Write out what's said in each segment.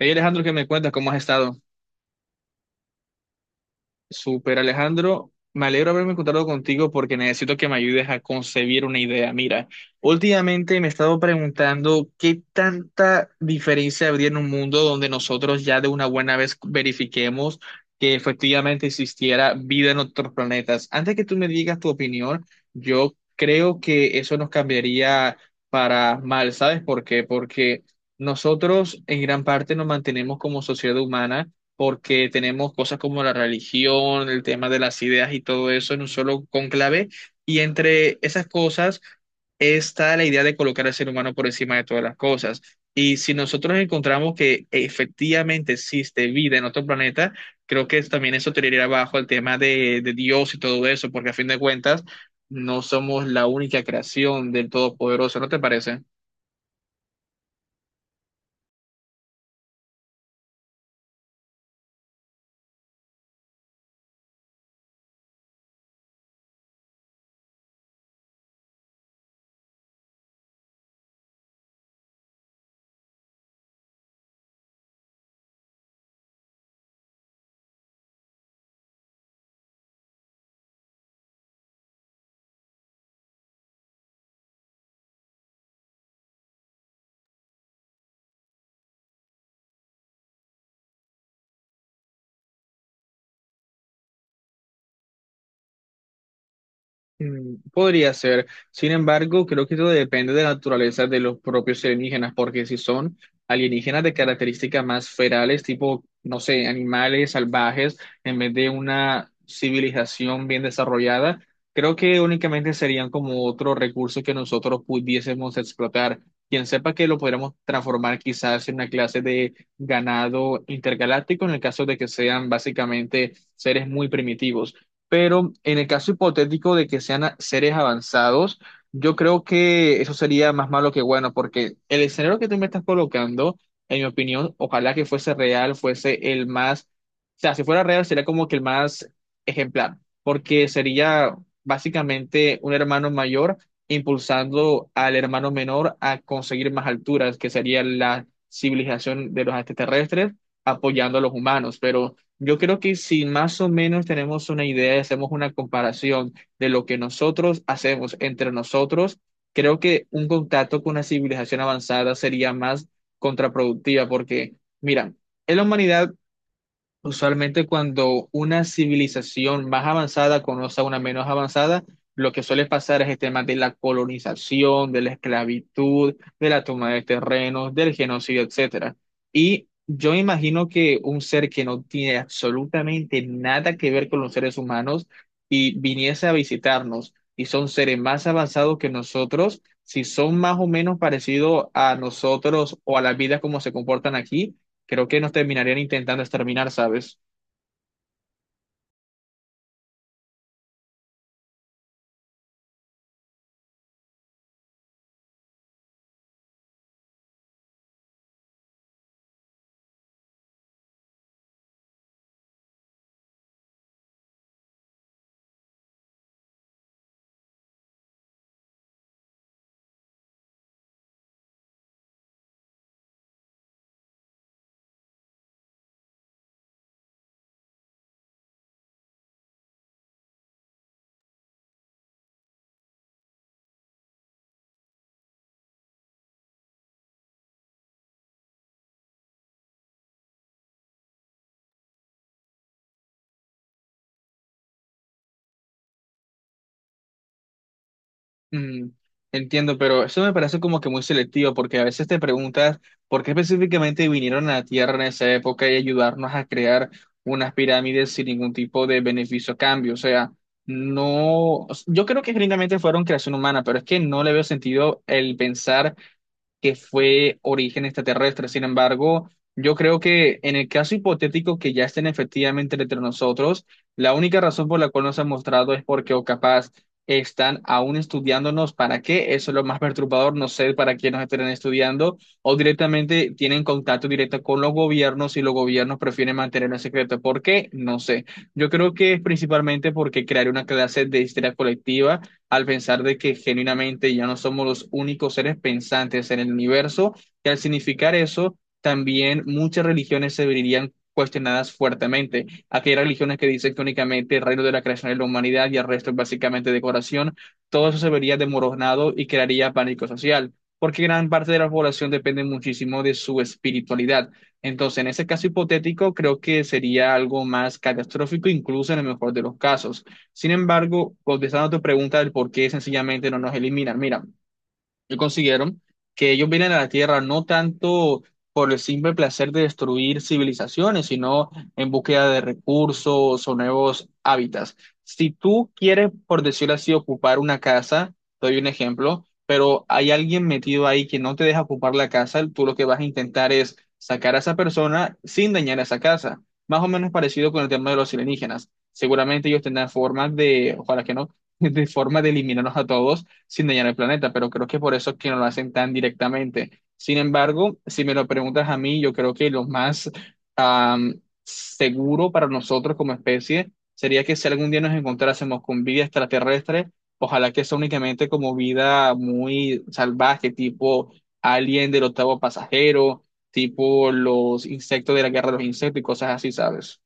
Hey Alejandro, ¿qué me cuentas? ¿Cómo has estado? Súper Alejandro, me alegro haberme encontrado contigo porque necesito que me ayudes a concebir una idea. Mira, últimamente me he estado preguntando qué tanta diferencia habría en un mundo donde nosotros ya de una buena vez verifiquemos que efectivamente existiera vida en otros planetas. Antes que tú me digas tu opinión, yo creo que eso nos cambiaría para mal, ¿sabes por qué? Porque nosotros en gran parte nos mantenemos como sociedad humana porque tenemos cosas como la religión, el tema de las ideas y todo eso en un solo conclave. Y entre esas cosas está la idea de colocar al ser humano por encima de todas las cosas. Y si nosotros encontramos que efectivamente existe vida en otro planeta, creo que también eso tiraría abajo el tema de Dios y todo eso, porque a fin de cuentas no somos la única creación del Todopoderoso, ¿no te parece? Mm, podría ser. Sin embargo, creo que todo depende de la naturaleza de los propios alienígenas, porque si son alienígenas de características más ferales, tipo, no sé, animales salvajes, en vez de una civilización bien desarrollada, creo que únicamente serían como otro recurso que nosotros pudiésemos explotar. Quien sepa que lo podríamos transformar quizás en una clase de ganado intergaláctico, en el caso de que sean básicamente seres muy primitivos, pero en el caso hipotético de que sean seres avanzados, yo creo que eso sería más malo que bueno, porque el escenario que tú me estás colocando, en mi opinión, ojalá que fuese real, fuese el más, o sea, si fuera real sería como que el más ejemplar, porque sería básicamente un hermano mayor impulsando al hermano menor a conseguir más alturas, que sería la civilización de los extraterrestres apoyando a los humanos, pero yo creo que si más o menos tenemos una idea y hacemos una comparación de lo que nosotros hacemos entre nosotros, creo que un contacto con una civilización avanzada sería más contraproductiva porque, mira, en la humanidad usualmente cuando una civilización más avanzada conoce a una menos avanzada, lo que suele pasar es el tema de la colonización, de la esclavitud, de la toma de terrenos, del genocidio, etcétera. Y yo imagino que un ser que no tiene absolutamente nada que ver con los seres humanos y viniese a visitarnos y son seres más avanzados que nosotros, si son más o menos parecidos a nosotros o a la vida como se comportan aquí, creo que nos terminarían intentando exterminar, ¿sabes? Mm, entiendo, pero eso me parece como que muy selectivo, porque a veces te preguntas por qué específicamente vinieron a la Tierra en esa época y ayudarnos a crear unas pirámides sin ningún tipo de beneficio a cambio. O sea, no, yo creo que genuinamente fueron creación humana, pero es que no le veo sentido el pensar que fue origen extraterrestre. Sin embargo, yo creo que en el caso hipotético que ya estén efectivamente entre nosotros, la única razón por la cual nos han mostrado es porque o capaz están aún estudiándonos. ¿Para qué? Eso es lo más perturbador. No sé para qué nos estén estudiando o directamente tienen contacto directo con los gobiernos y los gobiernos prefieren mantenerlo en secreto. ¿Por qué? No sé. Yo creo que es principalmente porque crear una clase de histeria colectiva al pensar de que genuinamente ya no somos los únicos seres pensantes en el universo, que al significar eso, también muchas religiones se verían cuestionadas fuertemente. Aquí hay religiones que dicen que únicamente el reino de la creación es la humanidad y el resto es básicamente decoración. Todo eso se vería demoronado y crearía pánico social, porque gran parte de la población depende muchísimo de su espiritualidad. Entonces, en ese caso hipotético, creo que sería algo más catastrófico, incluso en el mejor de los casos. Sin embargo, contestando a tu pregunta del por qué sencillamente no nos eliminan, mira, y consiguieron que ellos vienen a la Tierra no tanto por el simple placer de destruir civilizaciones, sino en búsqueda de recursos o nuevos hábitats. Si tú quieres, por decirlo así, ocupar una casa, te doy un ejemplo, pero hay alguien metido ahí que no te deja ocupar la casa, tú lo que vas a intentar es sacar a esa persona sin dañar esa casa. Más o menos parecido con el tema de los alienígenas. Seguramente ellos tendrán formas de, ojalá que no, de forma de eliminarnos a todos sin dañar el planeta, pero creo que por eso es que no lo hacen tan directamente. Sin embargo, si me lo preguntas a mí, yo creo que lo más seguro para nosotros como especie sería que si algún día nos encontrásemos con vida extraterrestre, ojalá que sea únicamente como vida muy salvaje, tipo alien del octavo pasajero, tipo los insectos de la guerra de los insectos y cosas así, ¿sabes?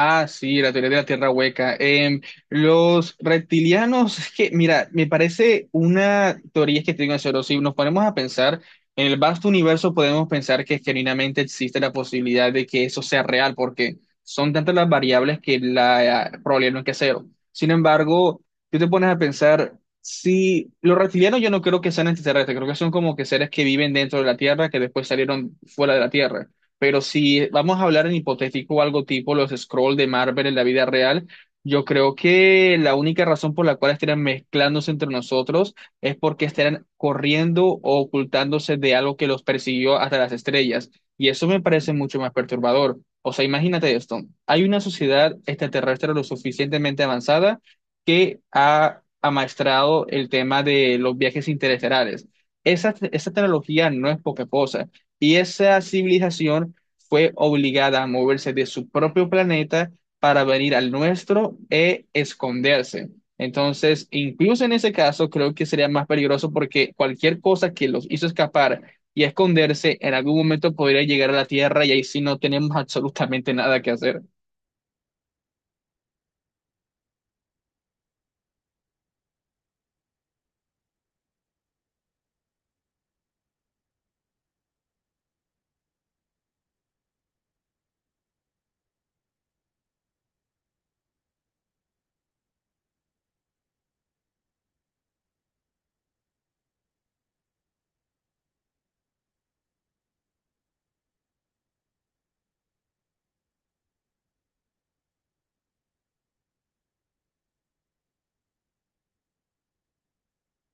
Ah, sí, la teoría de la Tierra hueca. Los reptilianos, es que, mira, me parece una teoría que tengo cero. Si nos ponemos a pensar en el vasto universo, podemos pensar que genuinamente existe la posibilidad de que eso sea real, porque son tantas las variables que la probabilidad no es que es cero. Sin embargo, tú te pones a pensar, si los reptilianos yo no creo que sean extraterrestres, creo que son como que seres que viven dentro de la Tierra, que después salieron fuera de la Tierra. Pero si vamos a hablar en hipotético o algo tipo los scroll de Marvel en la vida real, yo creo que la única razón por la cual estarían mezclándose entre nosotros es porque estarían corriendo o ocultándose de algo que los persiguió hasta las estrellas. Y eso me parece mucho más perturbador. O sea, imagínate esto. Hay una sociedad extraterrestre lo suficientemente avanzada que ha amaestrado el tema de los viajes interestelares. Esa tecnología no es poca cosa y esa civilización fue obligada a moverse de su propio planeta para venir al nuestro e esconderse. Entonces, incluso en ese caso, creo que sería más peligroso porque cualquier cosa que los hizo escapar y esconderse en algún momento podría llegar a la Tierra y ahí sí no tenemos absolutamente nada que hacer.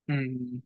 Mm,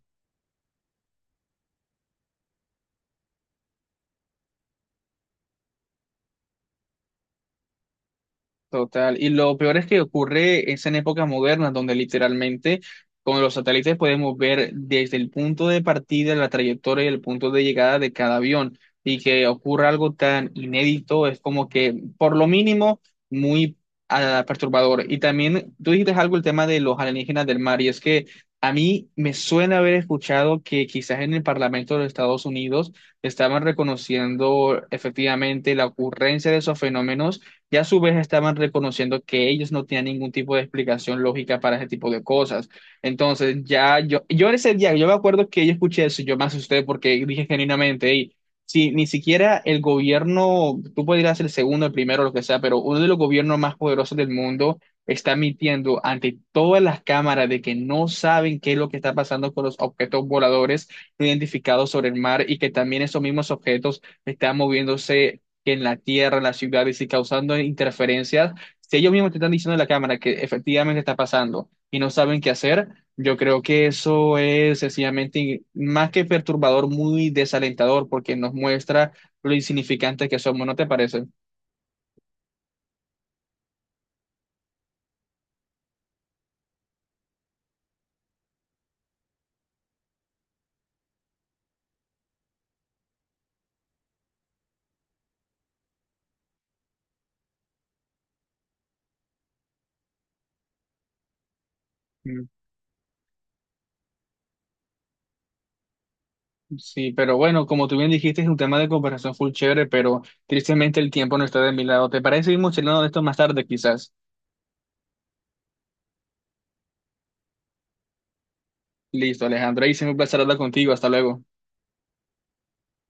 total. Y lo peor es que ocurre es en épocas modernas, donde literalmente con los satélites podemos ver desde el punto de partida, la trayectoria y el punto de llegada de cada avión. Y que ocurra algo tan inédito es como que, por lo mínimo, muy perturbador. Y también tú dijiste algo el tema de los alienígenas del mar, y es que a mí me suena haber escuchado que quizás en el Parlamento de los Estados Unidos estaban reconociendo efectivamente la ocurrencia de esos fenómenos y a su vez estaban reconociendo que ellos no tenían ningún tipo de explicación lógica para ese tipo de cosas. Entonces, ya yo ese día, yo me acuerdo que yo escuché eso, y yo me asusté porque dije genuinamente, "Ey, si ni siquiera el gobierno, tú podrías el segundo, el primero, lo que sea, pero uno de los gobiernos más poderosos del mundo está mintiendo ante todas las cámaras de que no saben qué es lo que está pasando con los objetos voladores identificados sobre el mar y que también esos mismos objetos están moviéndose que en la tierra, en las ciudades y si causando interferencias, si ellos mismos te están diciendo en la cámara que efectivamente está pasando y no saben qué hacer, yo creo que eso es sencillamente más que perturbador, muy desalentador porque nos muestra lo insignificantes que somos, ¿no te parece?" Mm, sí, pero bueno, como tú bien dijiste, es un tema de conversación full chévere, pero tristemente el tiempo no está de mi lado. ¿Te parece seguimos charlando de esto más tarde, quizás? Listo, Alejandro, ahí se me un placer hablar contigo. Hasta luego.